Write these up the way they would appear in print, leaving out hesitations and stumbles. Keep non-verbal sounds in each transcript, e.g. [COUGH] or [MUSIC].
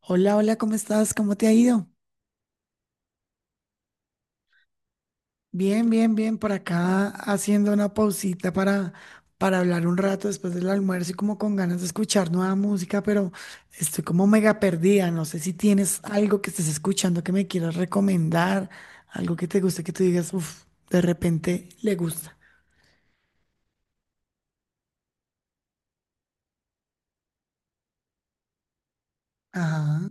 Hola, hola, ¿cómo estás? ¿Cómo te ha ido? Bien, bien, bien, por acá haciendo una pausita para hablar un rato después del almuerzo y como con ganas de escuchar nueva música, pero estoy como mega perdida. No sé si tienes algo que estés escuchando que me quieras recomendar, algo que te guste, que tú digas, uff, de repente le gusta. Ajá.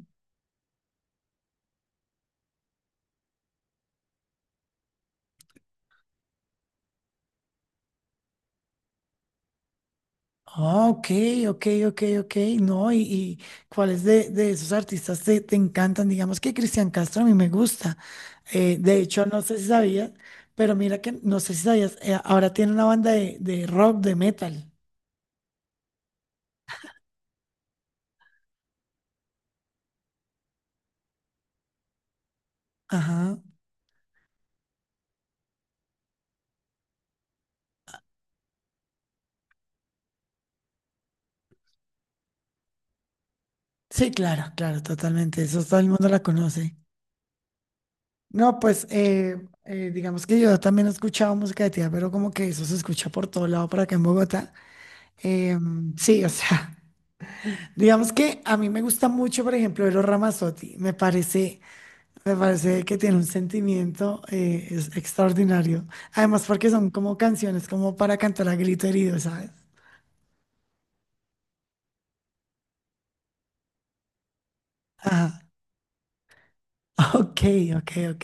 Ah, ok, ok, ok, ok. No, cuáles de esos artistas te encantan? Digamos que Cristian Castro a mí me gusta. De hecho, no sé si sabías, pero mira que no sé si sabías, ahora tiene una banda de rock, de metal. Ajá. Sí, claro, claro, totalmente. Eso todo el mundo la conoce. No, pues digamos que yo también he escuchado música de tía, pero como que eso se escucha por todo lado por acá en Bogotá. Sí, o sea. Digamos que a mí me gusta mucho, por ejemplo, Eros Ramazzotti. Me parece que tiene un sentimiento, es extraordinario. Además, porque son como canciones como para cantar a grito herido, ¿sabes? Ajá. [LAUGHS] Ok, ok, ok.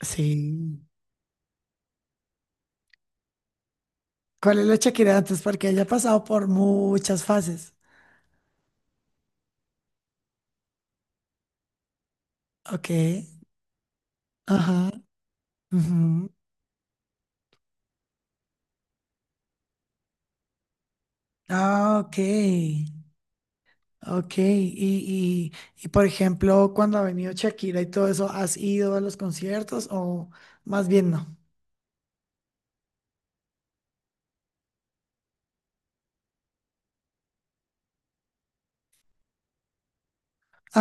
Sí. ¿Cuál es la Shakira de antes? Porque ella ha pasado por muchas fases. Ok. Ajá. Ujú. Ah, ok. Ok, y por ejemplo, cuando ha venido Shakira y todo eso, ¿has ido a los conciertos o más bien no?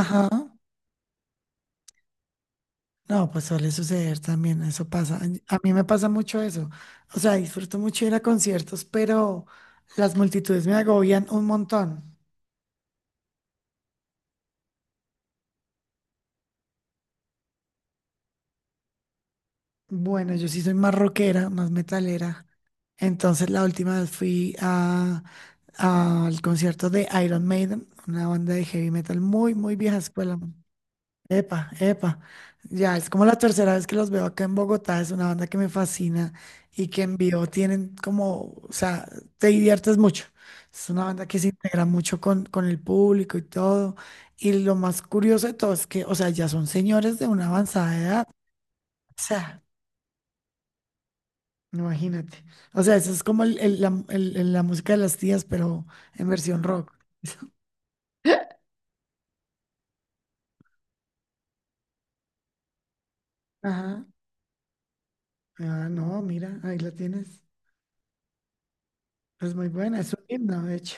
Ajá. No, pues suele suceder también, eso pasa. A mí me pasa mucho eso. O sea, disfruto mucho ir a conciertos, pero las multitudes me agobian un montón. Bueno, yo sí soy más rockera, más metalera. Entonces la última vez fui al concierto de Iron Maiden, una banda de heavy metal muy, muy vieja escuela. Epa, epa. Ya, es como la tercera vez que los veo acá en Bogotá. Es una banda que me fascina y que en vivo tienen como, o sea, te diviertes mucho. Es una banda que se integra mucho con el público y todo. Y lo más curioso de todo es que, o sea, ya son señores de una avanzada edad. O sea, imagínate. O sea, eso es como la música de las tías, pero en versión rock. [LAUGHS] Ajá. Ah, no, mira, ahí la tienes. Es muy buena, es un himno, de hecho.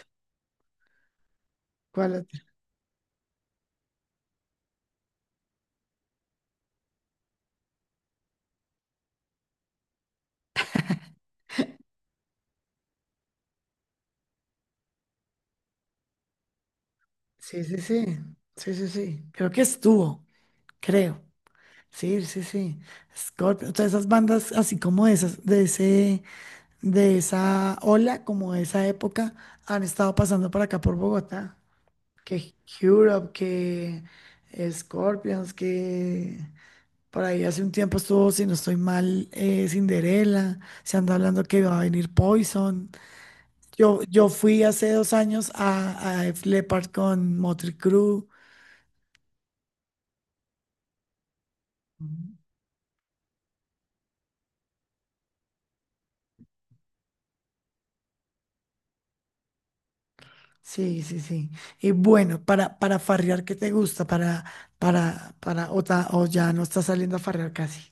¿Cuál? Sí, sí, sí, sí, sí, sí. Creo que estuvo, creo. Sí, sí, sí. Scorpio, todas esas bandas así como esas, de esa ola, como de esa época, han estado pasando por acá por Bogotá. Que Europe, que Scorpions, que por ahí hace un tiempo estuvo, si no estoy mal, Cinderella. Se anda hablando que va a venir Poison. Yo fui hace 2 años a Def Leppard con Motley Crue. Sí, sí, sí. Y bueno, para farrear, ¿qué te gusta? ¿O o ya no estás saliendo a farrear casi?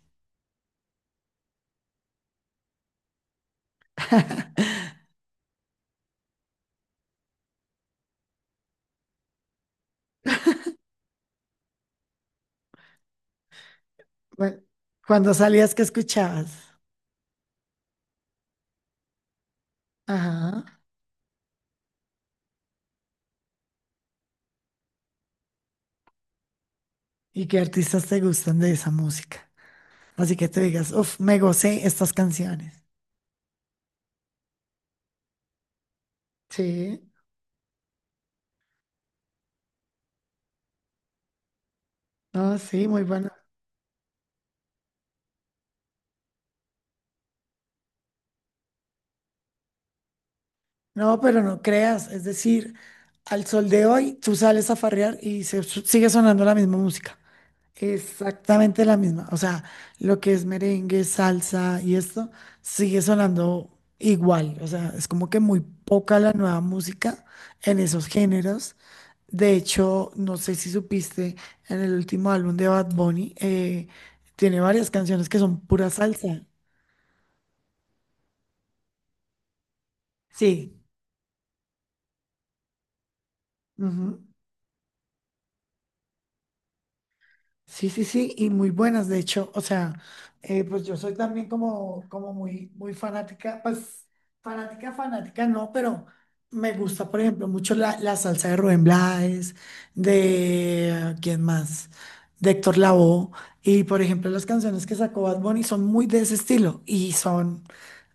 Bueno, cuando salías, ¿qué escuchabas? Ajá. ¿Y qué artistas te gustan de esa música? Así que te digas, uff, me gocé estas canciones. Sí, no, sí, muy bueno. No, pero no creas, es decir, al sol de hoy tú sales a farrear y sigue sonando la misma música. Exactamente la misma. O sea, lo que es merengue, salsa y esto sigue sonando igual. O sea, es como que muy poca la nueva música en esos géneros. De hecho, no sé si supiste, en el último álbum de Bad Bunny, tiene varias canciones que son pura salsa. Sí. Ujú. Sí, sí, sí, y muy buenas, de hecho, o sea, pues yo soy también como, como muy, muy fanática, pues no, pero me gusta, por ejemplo, mucho la salsa de Rubén Blades, de, ¿quién más? De Héctor Lavoe, y por ejemplo, las canciones que sacó Bad Bunny son muy de ese estilo, y son,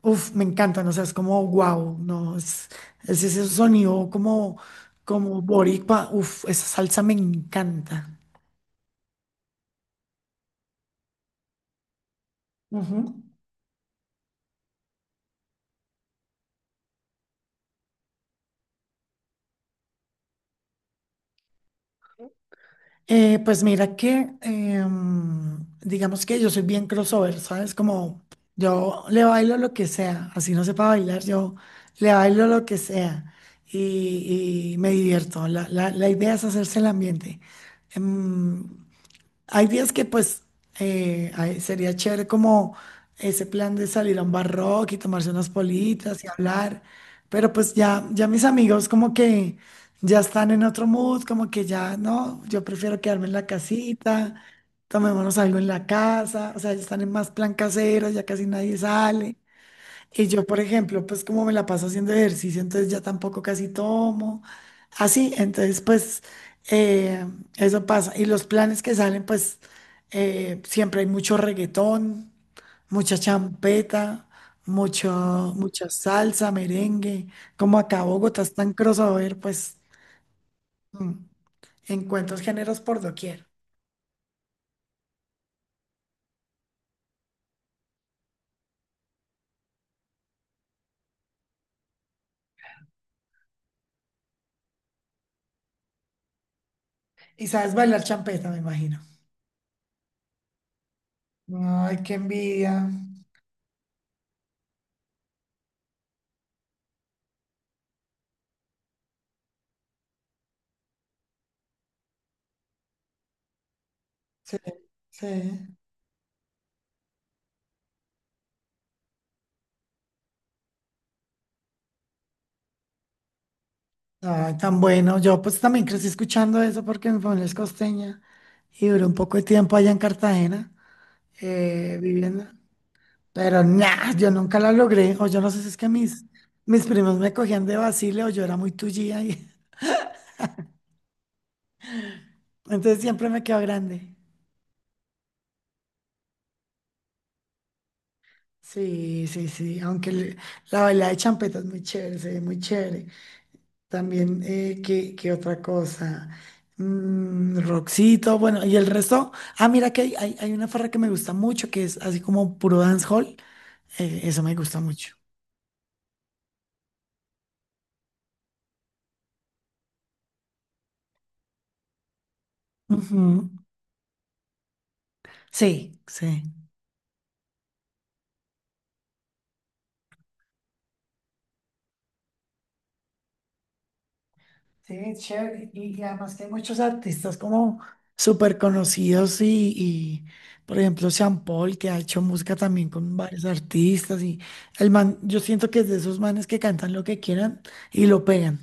uff, me encantan, o sea, es como, wow, no, es ese sonido como, como boricua, uff, esa salsa me encanta. Ujú. Pues mira que, digamos que yo soy bien crossover, ¿sabes? Como yo le bailo lo que sea, así no sepa bailar, yo le bailo lo que sea y me divierto. La idea es hacerse el ambiente. Em, Hay días que pues ay, sería chévere como ese plan de salir a un bar rock y tomarse unas politas y hablar, pero pues ya mis amigos como que ya están en otro mood, como que ya no, yo prefiero quedarme en la casita, tomémonos algo en la casa, o sea, ya están en más plan casero, ya casi nadie sale. Y yo, por ejemplo, pues como me la paso haciendo ejercicio, entonces ya tampoco casi tomo. Así, entonces pues eh, eso pasa. Y los planes que salen, pues siempre hay mucho reggaetón, mucha champeta, mucho, mucha salsa, merengue. Como acá Bogotá es tan crossover, pues mm, encuentros géneros por doquier. Y sabes bailar champeta, me imagino. Ay, qué envidia. Sí, sí. Ay, tan bueno. Yo pues también crecí escuchando eso porque mi familia es costeña y duré un poco de tiempo allá en Cartagena, viviendo. Pero nada, yo nunca la logré. O yo no sé si es que mis primos me cogían de vacile o yo era muy tullía y [LAUGHS] entonces siempre me quedó grande. Sí, sí, sí. La baila de champeta es muy chévere, se ve muy chévere. También, ¿qué, qué otra cosa? Mm, Roxito, bueno, y el resto. Ah, mira que hay una farra que me gusta mucho, que es así como puro dancehall. Eso me gusta mucho. Ujú. Sí, sí. Sí, es chévere. Y además que hay muchos artistas como súper conocidos por ejemplo, Sean Paul, que ha hecho música también con varios artistas. Y el man, yo siento que es de esos manes que cantan lo que quieran y lo pegan.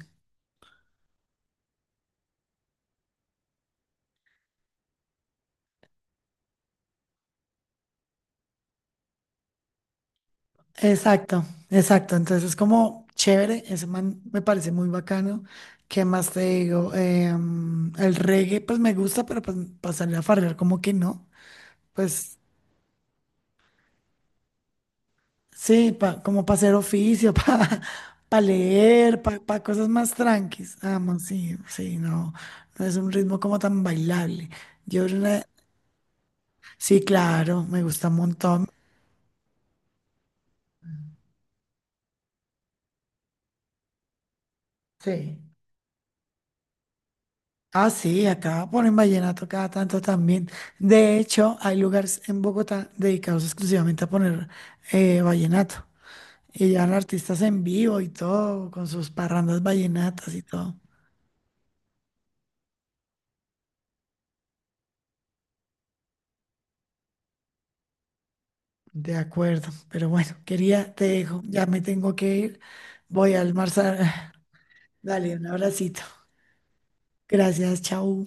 Exacto, exacto. Entonces es como chévere, ese man me parece muy bacano. ¿Qué más te digo? El reggae pues me gusta, pero pues para salir a farrear como que no. Pues sí, como para hacer oficio, [LAUGHS] para leer, para cosas más tranquis. Ah, no, sí, sí, no, no es un ritmo como tan bailable. Yo era una- sí, claro, me gusta un montón. Sí. Ah, sí, acá ponen vallenato cada tanto también. De hecho, hay lugares en Bogotá dedicados exclusivamente a poner vallenato. Y llevan artistas en vivo y todo, con sus parrandas vallenatas y todo. De acuerdo, pero bueno, quería, te dejo, ya me tengo que ir. Voy a almorzar. [LAUGHS] [SIGHS] Dale, un abracito. Gracias, chao.